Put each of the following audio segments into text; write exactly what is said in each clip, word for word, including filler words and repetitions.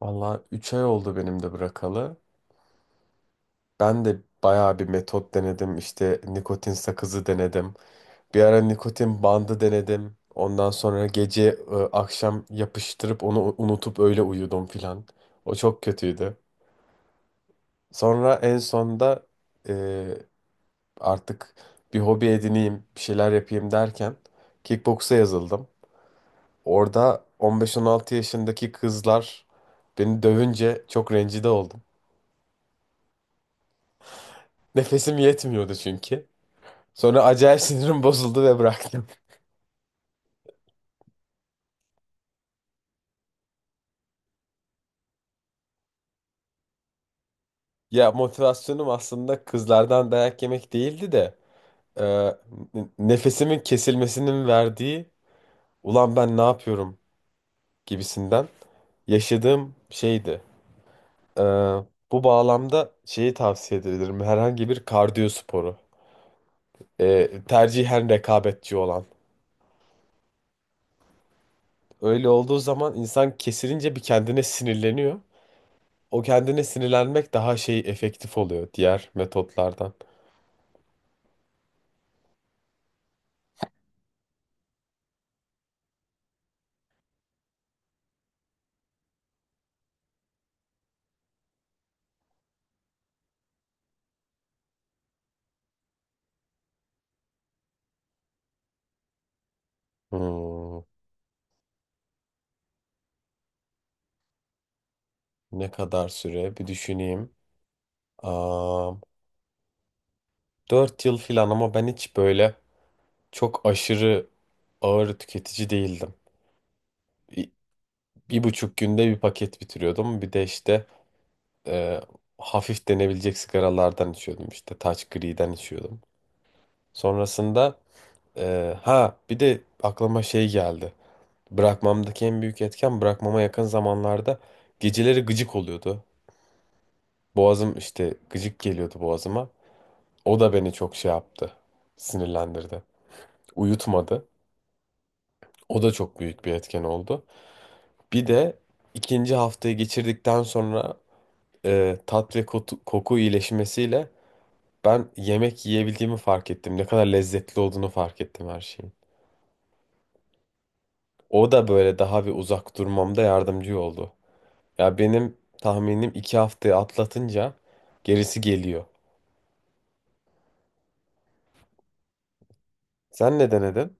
Valla üç ay oldu benim de bırakalı. Ben de bayağı bir metot denedim. İşte nikotin sakızı denedim. Bir ara nikotin bandı denedim. Ondan sonra gece e, akşam yapıştırıp onu u- unutup öyle uyudum filan. O çok kötüydü. Sonra en sonda e, artık bir hobi edineyim, bir şeyler yapayım derken kickboksa yazıldım. Orada on beş on altı yaşındaki kızlar beni dövünce çok rencide oldum. Nefesim yetmiyordu çünkü. Sonra acayip sinirim bozuldu ve bıraktım. Ya motivasyonum aslında kızlardan dayak yemek değildi de e, n- nefesimin kesilmesinin verdiği ulan ben ne yapıyorum gibisinden yaşadığım şeydi. E, Bu bağlamda şeyi tavsiye edebilirim. Herhangi bir kardiyo sporu. E, tercihen rekabetçi olan. Öyle olduğu zaman insan kesilince bir kendine sinirleniyor. O kendine sinirlenmek daha şey efektif oluyor diğer metotlardan. Hmm. Ne kadar süre? Bir düşüneyim. Aa, dört yıl filan ama ben hiç böyle çok aşırı ağır tüketici değildim. Bir, bir buçuk günde bir paket bitiriyordum. Bir de işte e, hafif denebilecek sigaralardan içiyordum. İşte Taç Gri'den içiyordum. Sonrasında e, ha, bir de aklıma şey geldi. Bırakmamdaki en büyük etken bırakmama yakın zamanlarda geceleri gıcık oluyordu. Boğazım işte gıcık geliyordu boğazıma. O da beni çok şey yaptı, sinirlendirdi. Uyutmadı. O da çok büyük bir etken oldu. Bir de ikinci haftayı geçirdikten sonra e, tat ve kotu- koku iyileşmesiyle ben yemek yiyebildiğimi fark ettim. Ne kadar lezzetli olduğunu fark ettim her şeyin. O da böyle daha bir uzak durmamda yardımcı oldu. Ya benim tahminim iki haftayı atlatınca gerisi geliyor. Sen ne denedin?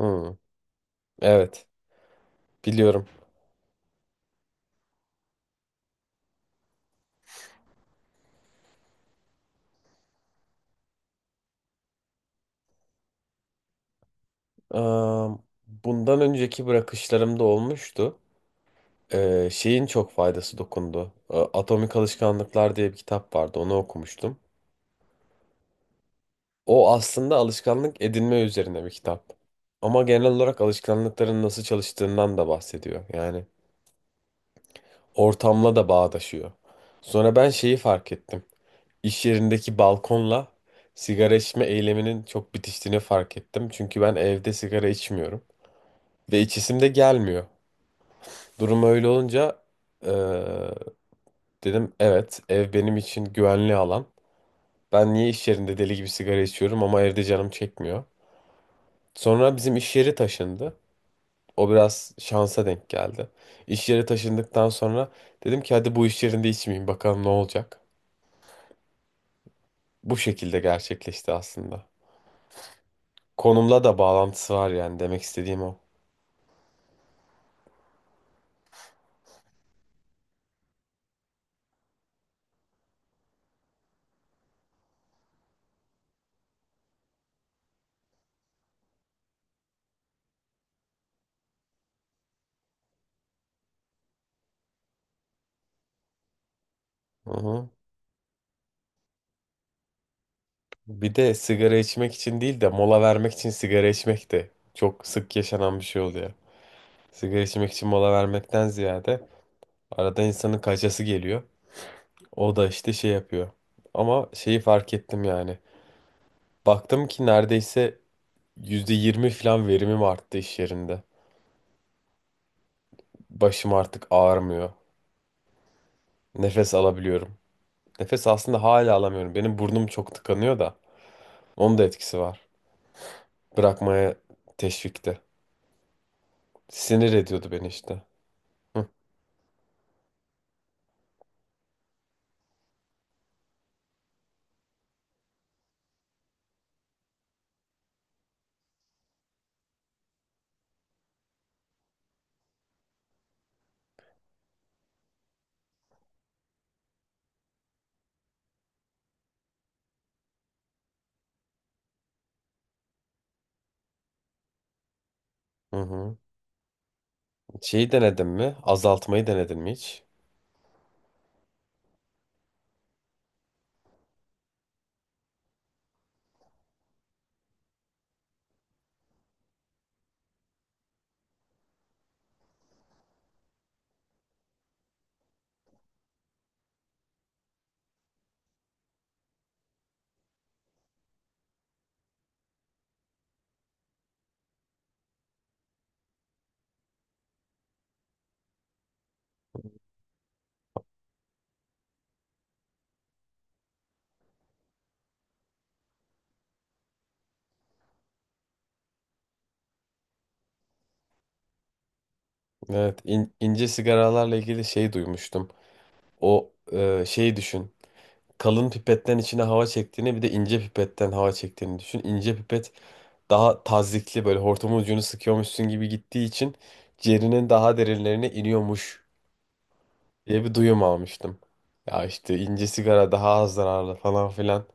Hı, evet, biliyorum. Eee, bundan önceki bırakışlarımda olmuştu. Ee, şeyin çok faydası dokundu. Ee, Atomik Alışkanlıklar diye bir kitap vardı. Onu okumuştum. O aslında alışkanlık edinme üzerine bir kitap. Ama genel olarak alışkanlıkların nasıl çalıştığından da bahsediyor. Yani ortamla da bağdaşıyor. Sonra ben şeyi fark ettim. İş yerindeki balkonla sigara içme eyleminin çok bitiştiğini fark ettim. Çünkü ben evde sigara içmiyorum. Ve içisim de gelmiyor. Durum öyle olunca ee, dedim evet ev benim için güvenli alan. Ben niye iş yerinde deli gibi sigara içiyorum ama evde canım çekmiyor. Sonra bizim iş yeri taşındı. O biraz şansa denk geldi. İş yeri taşındıktan sonra dedim ki hadi bu iş yerinde içmeyeyim bakalım ne olacak. Bu şekilde gerçekleşti aslında. Konumla da bağlantısı var yani demek istediğim o. Hı hı. Bir de sigara içmek için değil de mola vermek için sigara içmek de çok sık yaşanan bir şey oluyor. Sigara içmek için mola vermekten ziyade arada insanın kaçası geliyor. O da işte şey yapıyor. Ama şeyi fark ettim yani. Baktım ki neredeyse yüzde yirmi falan verimim arttı iş yerinde. Başım artık ağrımıyor. Nefes alabiliyorum. Nefes aslında hala alamıyorum. Benim burnum çok tıkanıyor da. Onun da etkisi var. Bırakmaya teşvikte. Sinir ediyordu beni işte. Hı hı. Hı. Şeyi denedin mi? Azaltmayı denedin mi hiç? Evet, in- ince sigaralarla ilgili şey duymuştum. O e, şeyi düşün. Kalın pipetten içine hava çektiğini bir de ince pipetten hava çektiğini düşün. İnce pipet daha tazyikli, böyle hortumun ucunu sıkıyormuşsun gibi gittiği için ciğerinin daha derinlerine iniyormuş diye bir duyum almıştım. Ya işte ince sigara daha az zararlı falan filanın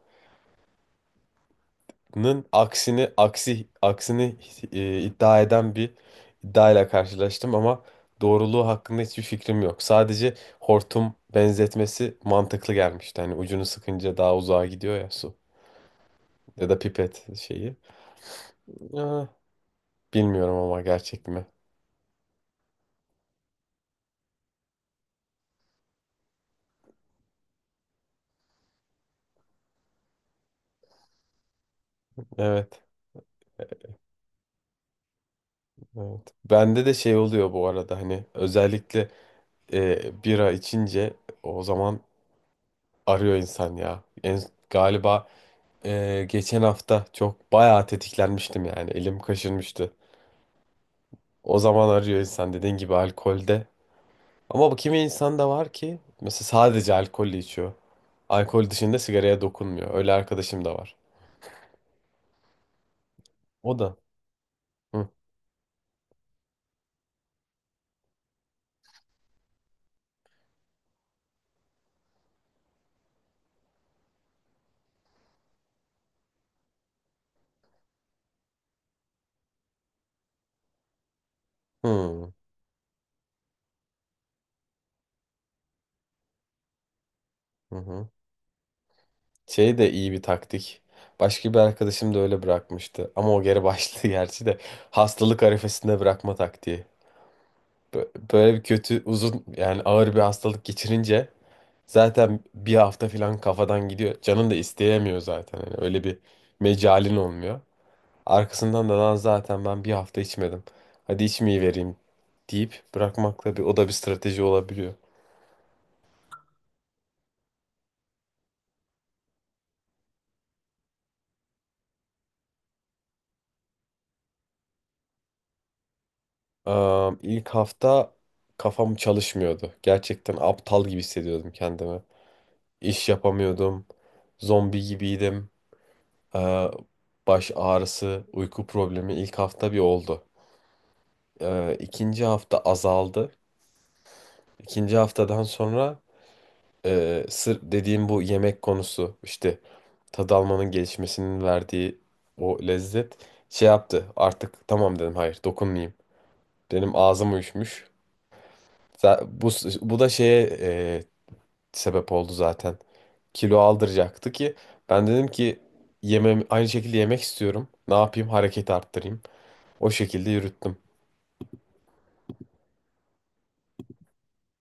aksini aksi aksini e, iddia eden bir iddiayla karşılaştım ama doğruluğu hakkında hiçbir fikrim yok. Sadece hortum benzetmesi mantıklı gelmişti. Hani ucunu sıkınca daha uzağa gidiyor ya su. Ya da pipet şeyi. Ah, bilmiyorum ama gerçek mi? Evet, evet. Bende de şey oluyor bu arada hani özellikle e, bira içince o zaman arıyor insan ya. En, galiba e, geçen hafta çok bayağı tetiklenmiştim yani elim kaşınmıştı. O zaman arıyor insan dediğin gibi alkolde. Ama bu kimi insan da var ki mesela sadece alkolle içiyor. Alkol dışında sigaraya dokunmuyor. Öyle arkadaşım da var. O da. Hı hı. Hı hı. Şey de iyi bir taktik. Başka bir arkadaşım da öyle bırakmıştı. Ama o geri başladı gerçi de. Hastalık arifesinde bırakma taktiği. Bö- Böyle bir kötü, uzun, yani ağır bir hastalık geçirince zaten bir hafta falan kafadan gidiyor. Canın da isteyemiyor zaten. Hani öyle bir mecalin olmuyor. Arkasından da lan zaten ben bir hafta içmedim. Hadi içmeyi vereyim deyip bırakmakla, bir o da bir strateji olabiliyor. Am, ilk hafta kafam çalışmıyordu. Gerçekten aptal gibi hissediyordum kendimi. İş yapamıyordum. Zombi gibiydim. Ee, baş ağrısı, uyku problemi ilk hafta bir oldu. Ee, ikinci hafta azaldı. İkinci haftadan sonra e, sır dediğim bu yemek konusu, işte tad almanın gelişmesinin verdiği o lezzet şey yaptı. Artık tamam dedim, hayır, dokunmayayım. Benim ağzım uyuşmuş. Za- Bu, bu da şeye e, sebep oldu zaten. Kilo aldıracaktı ki ben dedim ki yemem aynı şekilde, yemek istiyorum. Ne yapayım? Hareket arttırayım. O şekilde yürüttüm.